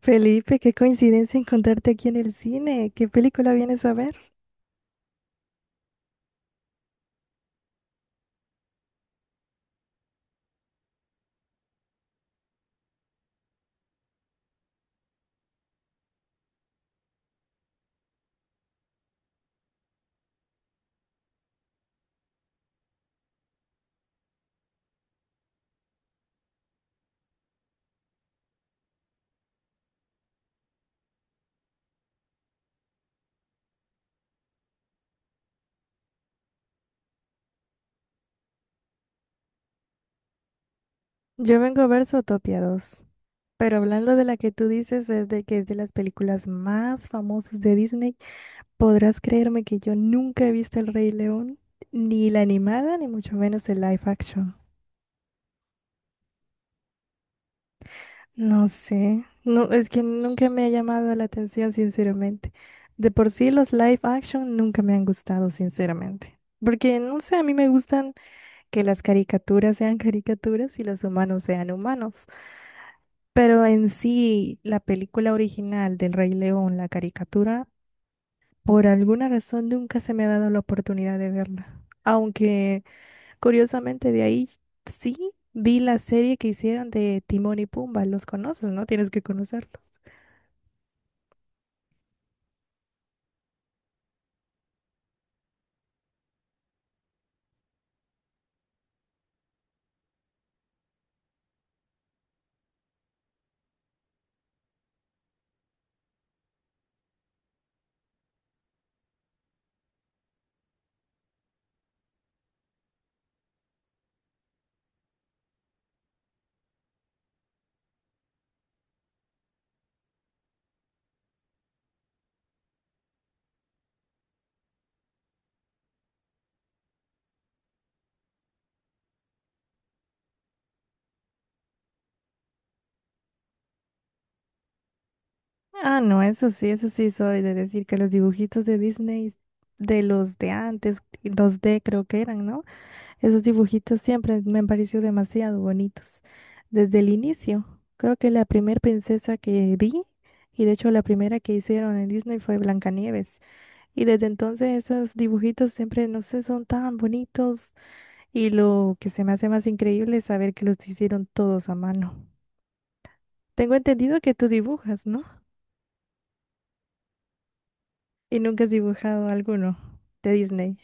Felipe, qué coincidencia encontrarte aquí en el cine. ¿Qué película vienes a ver? Yo vengo a ver Zootopia 2, pero hablando de la que tú dices es de que es de las películas más famosas de Disney, podrás creerme que yo nunca he visto El Rey León, ni la animada, ni mucho menos el live action. No sé, no, es que nunca me ha llamado la atención, sinceramente. De por sí los live action nunca me han gustado, sinceramente. Porque, no sé, a mí me gustan que las caricaturas sean caricaturas y los humanos sean humanos. Pero en sí, la película original del Rey León, la caricatura, por alguna razón nunca se me ha dado la oportunidad de verla. Aunque curiosamente de ahí sí vi la serie que hicieron de Timón y Pumba. Los conoces, ¿no? Tienes que conocerlos. Ah, no, eso sí soy de decir que los dibujitos de Disney, de los de antes, 2D creo que eran, ¿no? Esos dibujitos siempre me han parecido demasiado bonitos. Desde el inicio, creo que la primera princesa que vi, y de hecho la primera que hicieron en Disney fue Blancanieves. Y desde entonces esos dibujitos siempre, no sé, son tan bonitos. Y lo que se me hace más increíble es saber que los hicieron todos a mano. Tengo entendido que tú dibujas, ¿no? ¿Y nunca has dibujado alguno de Disney?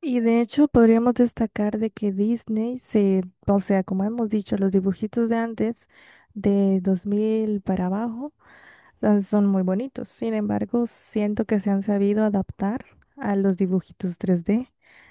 Y de hecho podríamos destacar de que Disney se, o sea, como hemos dicho, los dibujitos de antes, de 2000 para abajo, ah, son muy bonitos. Sin embargo, siento que se han sabido adaptar a los dibujitos 3D,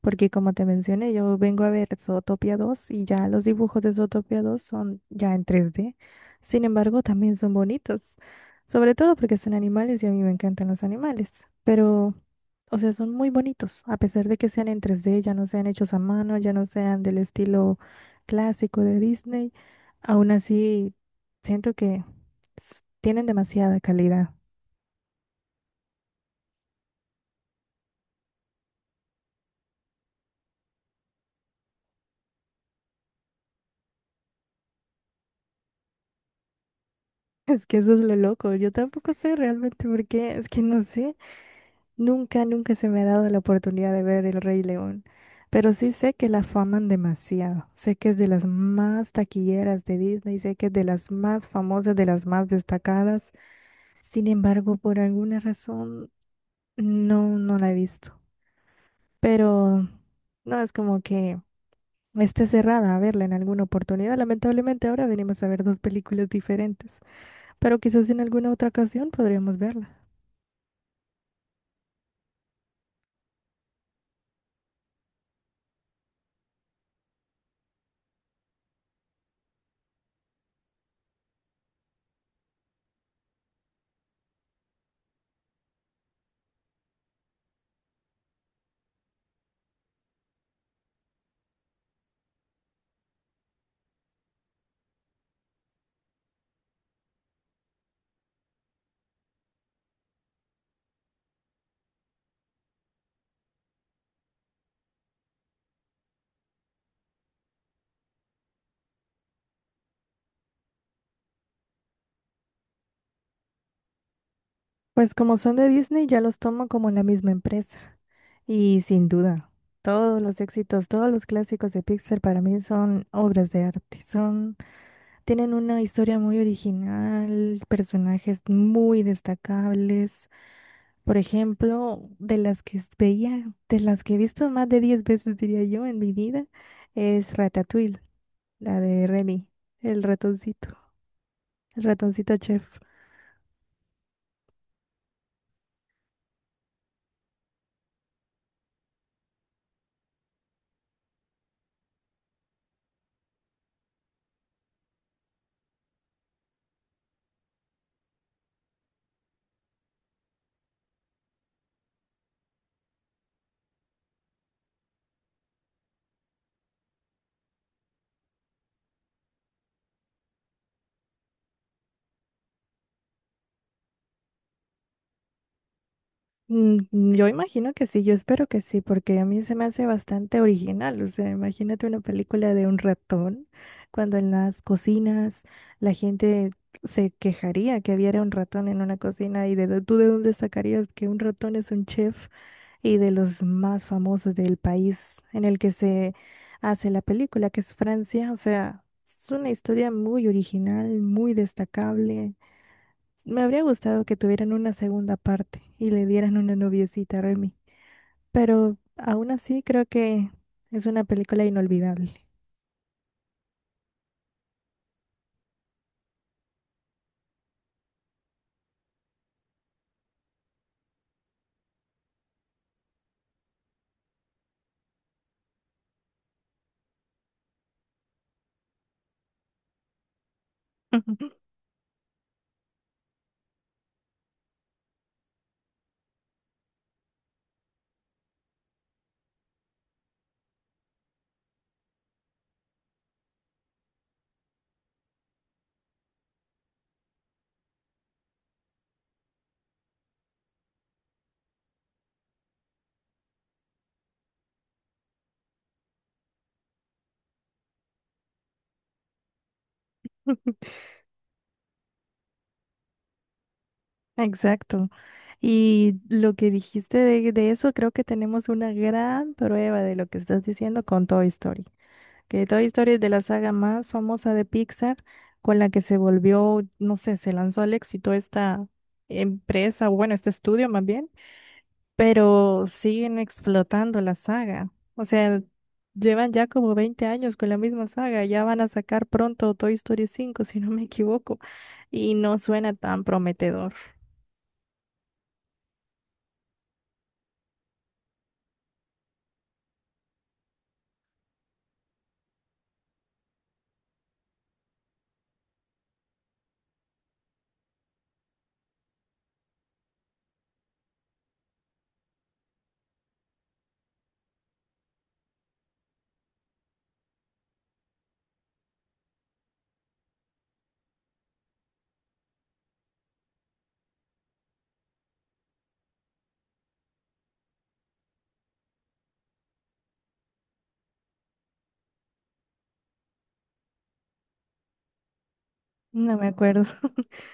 porque como te mencioné, yo vengo a ver Zootopia 2 y ya los dibujos de Zootopia 2 son ya en 3D. Sin embargo, también son bonitos, sobre todo porque son animales y a mí me encantan los animales, pero, o sea, son muy bonitos, a pesar de que sean en 3D, ya no sean hechos a mano, ya no sean del estilo clásico de Disney, aún así siento que tienen demasiada calidad. Es que eso es lo loco. Yo tampoco sé realmente por qué. Es que no sé. Nunca se me ha dado la oportunidad de ver El Rey León. Pero sí sé que la faman demasiado. Sé que es de las más taquilleras de Disney. Sé que es de las más famosas, de las más destacadas. Sin embargo, por alguna razón, no la he visto. Pero no es como que esté cerrada a verla en alguna oportunidad. Lamentablemente, ahora venimos a ver dos películas diferentes, pero quizás en alguna otra ocasión podríamos verla. Pues como son de Disney, ya los tomo como la misma empresa. Y sin duda, todos los éxitos, todos los clásicos de Pixar para mí son obras de arte. Son, tienen una historia muy original, personajes muy destacables. Por ejemplo, de las que veía, de las que he visto más de 10 veces, diría yo, en mi vida, es Ratatouille, la de Remy, el ratoncito, el ratoncito chef. Mm, mm, yo imagino que sí, yo espero que sí, porque a mí se me hace bastante original. O sea, imagínate una película de un ratón, cuando en las cocinas la gente se quejaría que hubiera un ratón en una cocina y tú de dónde sacarías que un ratón es un chef y de los más famosos del país en el que se hace la película, que es Francia. O sea, es una historia muy original, muy destacable. Me habría gustado que tuvieran una segunda parte y le dieran una noviecita a Remy, pero aún así creo que es una película inolvidable. Exacto. Y lo que dijiste de eso, creo que tenemos una gran prueba de lo que estás diciendo con Toy Story. Que Toy Story es de la saga más famosa de Pixar, con la que se volvió, no sé, se lanzó al éxito esta empresa, o bueno, este estudio más bien, pero siguen explotando la saga. O sea, llevan ya como 20 años con la misma saga. Ya van a sacar pronto Toy Story 5 si no me equivoco. Y no suena tan prometedor. No me acuerdo.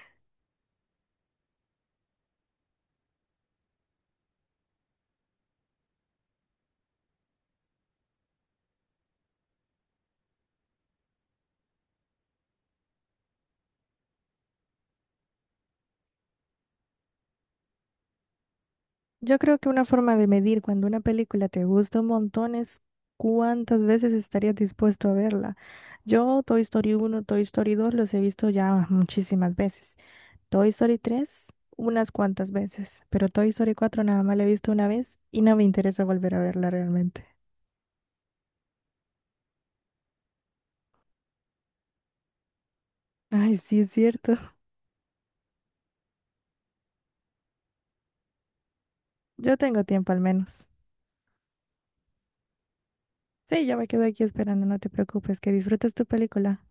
Yo creo que una forma de medir cuando una película te gusta un montón es cuántas veces estarías dispuesto a verla. Yo Toy Story 1, Toy Story 2 los he visto ya muchísimas veces. Toy Story 3 unas cuantas veces, pero Toy Story 4 nada más la he visto una vez y no me interesa volver a verla realmente. Ay, sí, es cierto. Yo tengo tiempo al menos. Sí, yo me quedo aquí esperando, no te preocupes, que disfrutes tu película.